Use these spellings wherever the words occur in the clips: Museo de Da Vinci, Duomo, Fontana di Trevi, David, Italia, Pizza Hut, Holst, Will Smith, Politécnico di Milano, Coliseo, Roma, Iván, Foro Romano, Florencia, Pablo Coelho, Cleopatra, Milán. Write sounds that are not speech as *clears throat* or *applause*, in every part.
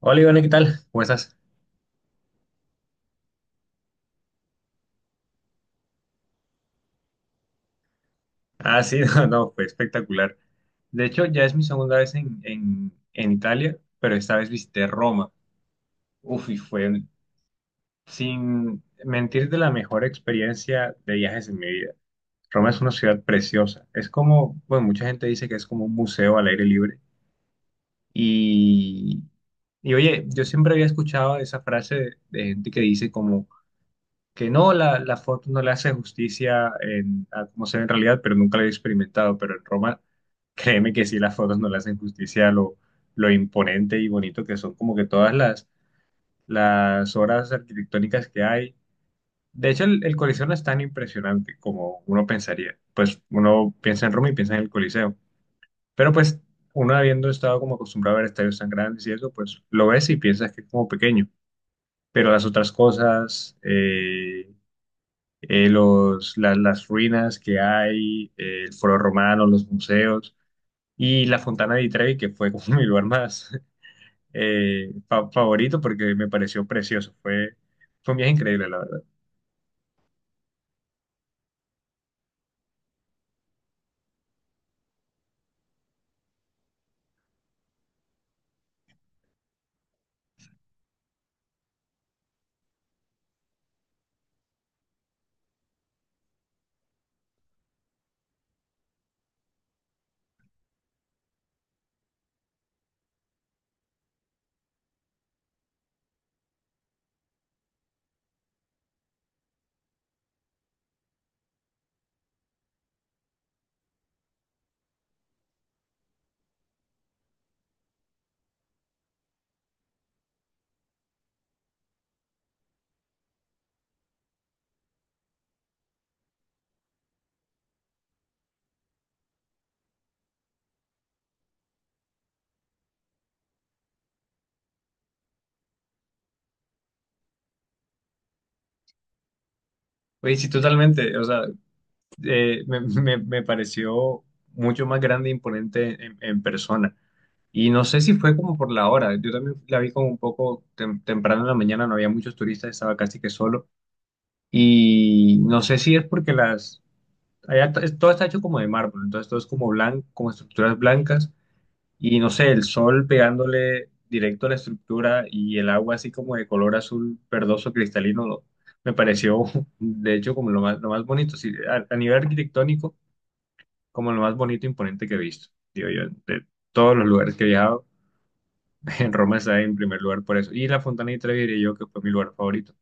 Hola Iván, ¿qué tal? ¿Cómo estás? Ah, sí, *laughs* no, no, fue espectacular. De hecho, ya es mi segunda vez en Italia, pero esta vez visité Roma. Uf, y fue, sin mentir, de la mejor experiencia de viajes en mi vida. Roma es una ciudad preciosa. Es como, bueno, mucha gente dice que es como un museo al aire libre. Y, y oye, yo siempre había escuchado esa frase de gente que dice como que no, la foto no le hace justicia en, a cómo se ve en realidad, pero nunca lo he experimentado, pero en Roma, *laughs* créeme que sí, las fotos no le hacen justicia a lo imponente y bonito que son como que todas las obras arquitectónicas que hay. De hecho, el Coliseo no es tan impresionante como uno pensaría. Pues uno piensa en Roma y piensa en el Coliseo, pero pues uno habiendo estado como acostumbrado a ver estadios tan grandes y eso, pues lo ves y piensas que es como pequeño. Pero las otras cosas, los, las ruinas que hay, el Foro Romano, los museos y la Fontana di Trevi, que fue como *laughs* mi lugar más favorito porque me pareció precioso. Fue un viaje increíble, la verdad. Oye, sí, totalmente. O sea, me pareció mucho más grande e imponente en persona. Y no sé si fue como por la hora. Yo también la vi como un poco temprano en la mañana, no había muchos turistas, estaba casi que solo. Y no sé si es porque allá todo está hecho como de mármol, entonces todo es como blanco, como estructuras blancas y no sé, el sol pegándole directo a la estructura y el agua así como de color azul verdoso cristalino, me pareció *laughs* de hecho como lo más bonito, sí, a nivel arquitectónico, como lo más bonito e imponente que he visto, digo yo, de todos los lugares que he viajado, *laughs* en Roma está en primer lugar por eso, y la Fontana di Trevi diría yo que fue mi lugar favorito.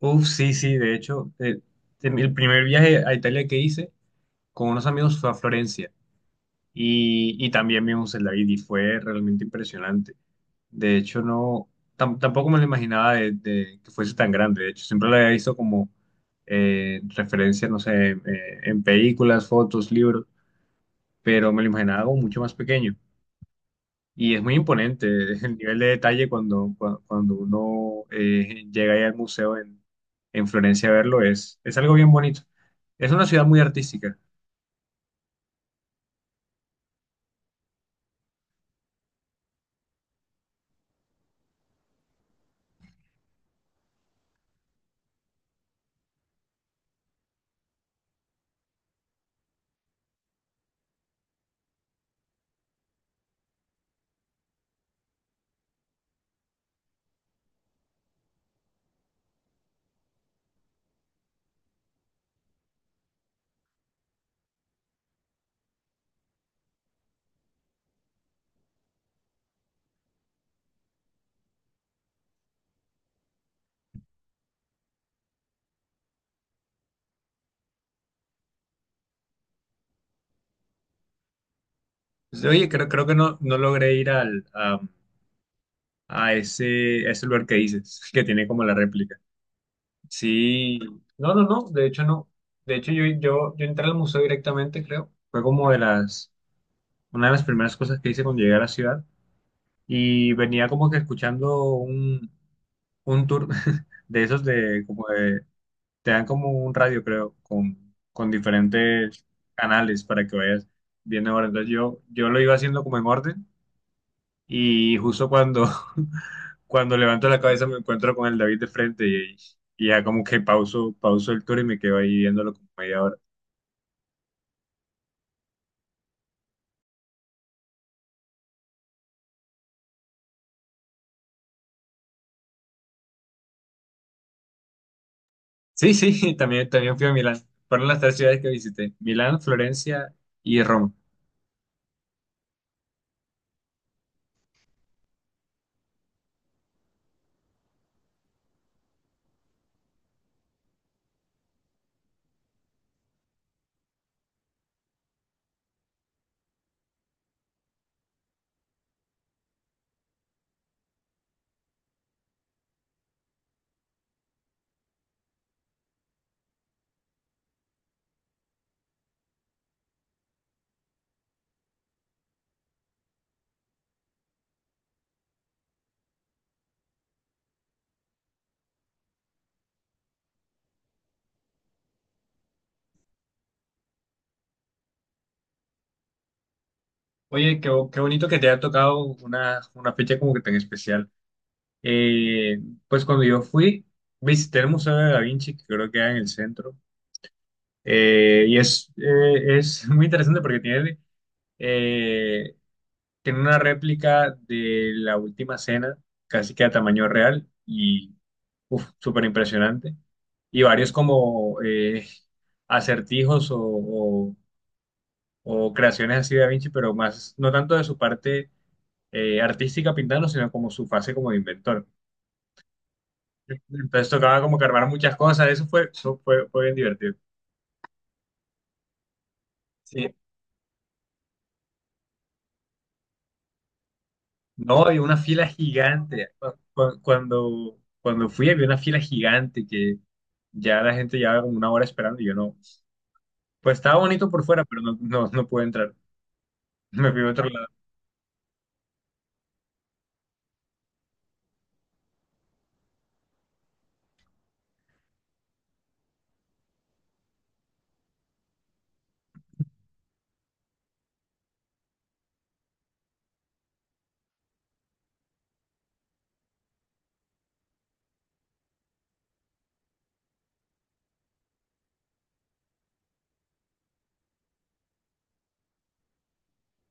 Uf, sí, sí, de hecho, el primer viaje a Italia que hice con unos amigos fue a Florencia. Y también vimos el David y fue realmente impresionante. De hecho, no, tampoco me lo imaginaba de que fuese tan grande. De hecho, siempre lo había visto como referencia, no sé, en películas, fotos, libros, pero me lo imaginaba como mucho más pequeño. Y es muy imponente *laughs* el nivel de detalle cuando, cuando uno llega ahí al museo en Florencia a verlo. Es algo bien bonito. Es una ciudad muy artística. Pues, oye, creo que no, no logré ir a ese lugar que dices, *laughs* que tiene como la réplica. Sí, no, no, no, de hecho no. De hecho yo entré al museo directamente, creo. Fue como de las, una de las primeras cosas que hice cuando llegué a la ciudad y venía como que escuchando un tour *laughs* de esos de te dan como un radio, creo, con diferentes canales para que vayas viendo ahora. Entonces yo lo iba haciendo como en orden. Y justo cuando, *laughs* cuando levanto la cabeza me encuentro con el David de frente y ya como que pauso, pauso el tour y me quedo ahí viéndolo como media hora. Sí, sí, *laughs* también, también fui a Milán. Fueron las tres ciudades que visité, Milán, Florencia y Roma. Oye, qué, qué bonito que te haya tocado una fecha como que tan especial. Eh, pues cuando yo fui, visité el Museo de Da Vinci, que creo que era en el centro. Es *laughs* muy interesante porque tiene... eh, tiene una réplica de la última cena, casi que a tamaño real, y uf, súper impresionante. Y varios como acertijos o creaciones así de Da Vinci, pero más, no tanto de su parte artística pintando, sino como su fase como de inventor. Entonces tocaba como que armar muchas cosas, fue bien divertido. Sí. No, había una fila gigante. Cuando, cuando fui había una fila gigante que ya la gente llevaba como una hora esperando y yo no. Pues estaba bonito por fuera, pero no, no, no pude entrar. *laughs* Me fui a otro lado.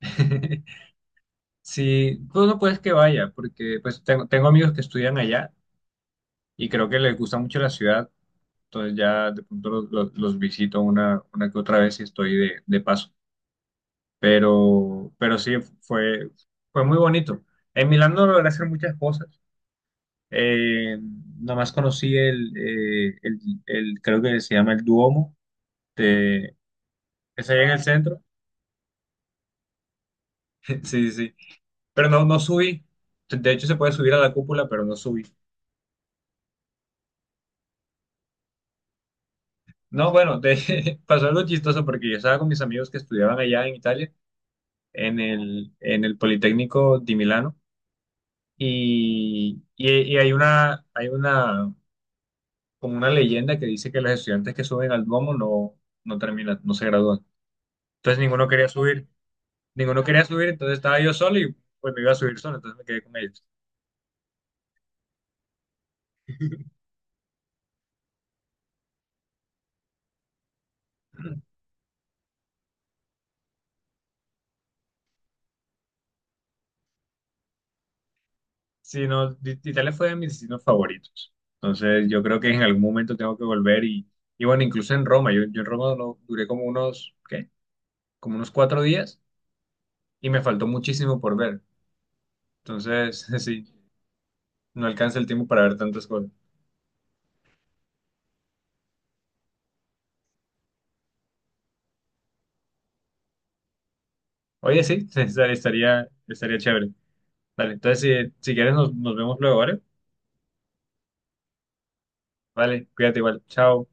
*laughs* Sí, tú no puedes que vaya, porque pues tengo, tengo amigos que estudian allá y creo que les gusta mucho la ciudad. Entonces ya de pronto los visito una que otra vez y estoy de paso. Pero sí, fue, fue muy bonito. En Milán no logré hacer muchas cosas. Eh, nomás conocí creo que se llama el Duomo, de, es allá en el centro. *laughs* Sí, sí. Pero no, no subí. De hecho, se puede subir a la cúpula, pero no subí. No, bueno, *laughs* pasó algo chistoso porque yo estaba con mis amigos que estudiaban allá en Italia, en el Politécnico di Milano, y hay hay una, como una leyenda que dice que los estudiantes que suben al Duomo no, no terminan, no se gradúan. Entonces ninguno quería subir. Ninguno quería subir, entonces estaba yo solo y pues me iba a subir solo, entonces me quedé con ellos. *clears throat* Sí, no, Italia fue de mis destinos favoritos. Entonces yo creo que en algún momento tengo que volver y bueno, incluso en Roma, yo en Roma duré como unos, ¿qué? Como unos 4 días y me faltó muchísimo por ver. Entonces, *laughs* sí, no alcanza el tiempo para ver tantas cosas. Oye, sí, *laughs* estaría, estaría chévere. Vale, entonces si, si quieres nos, nos vemos luego, ¿vale? Vale, cuídate igual, chao.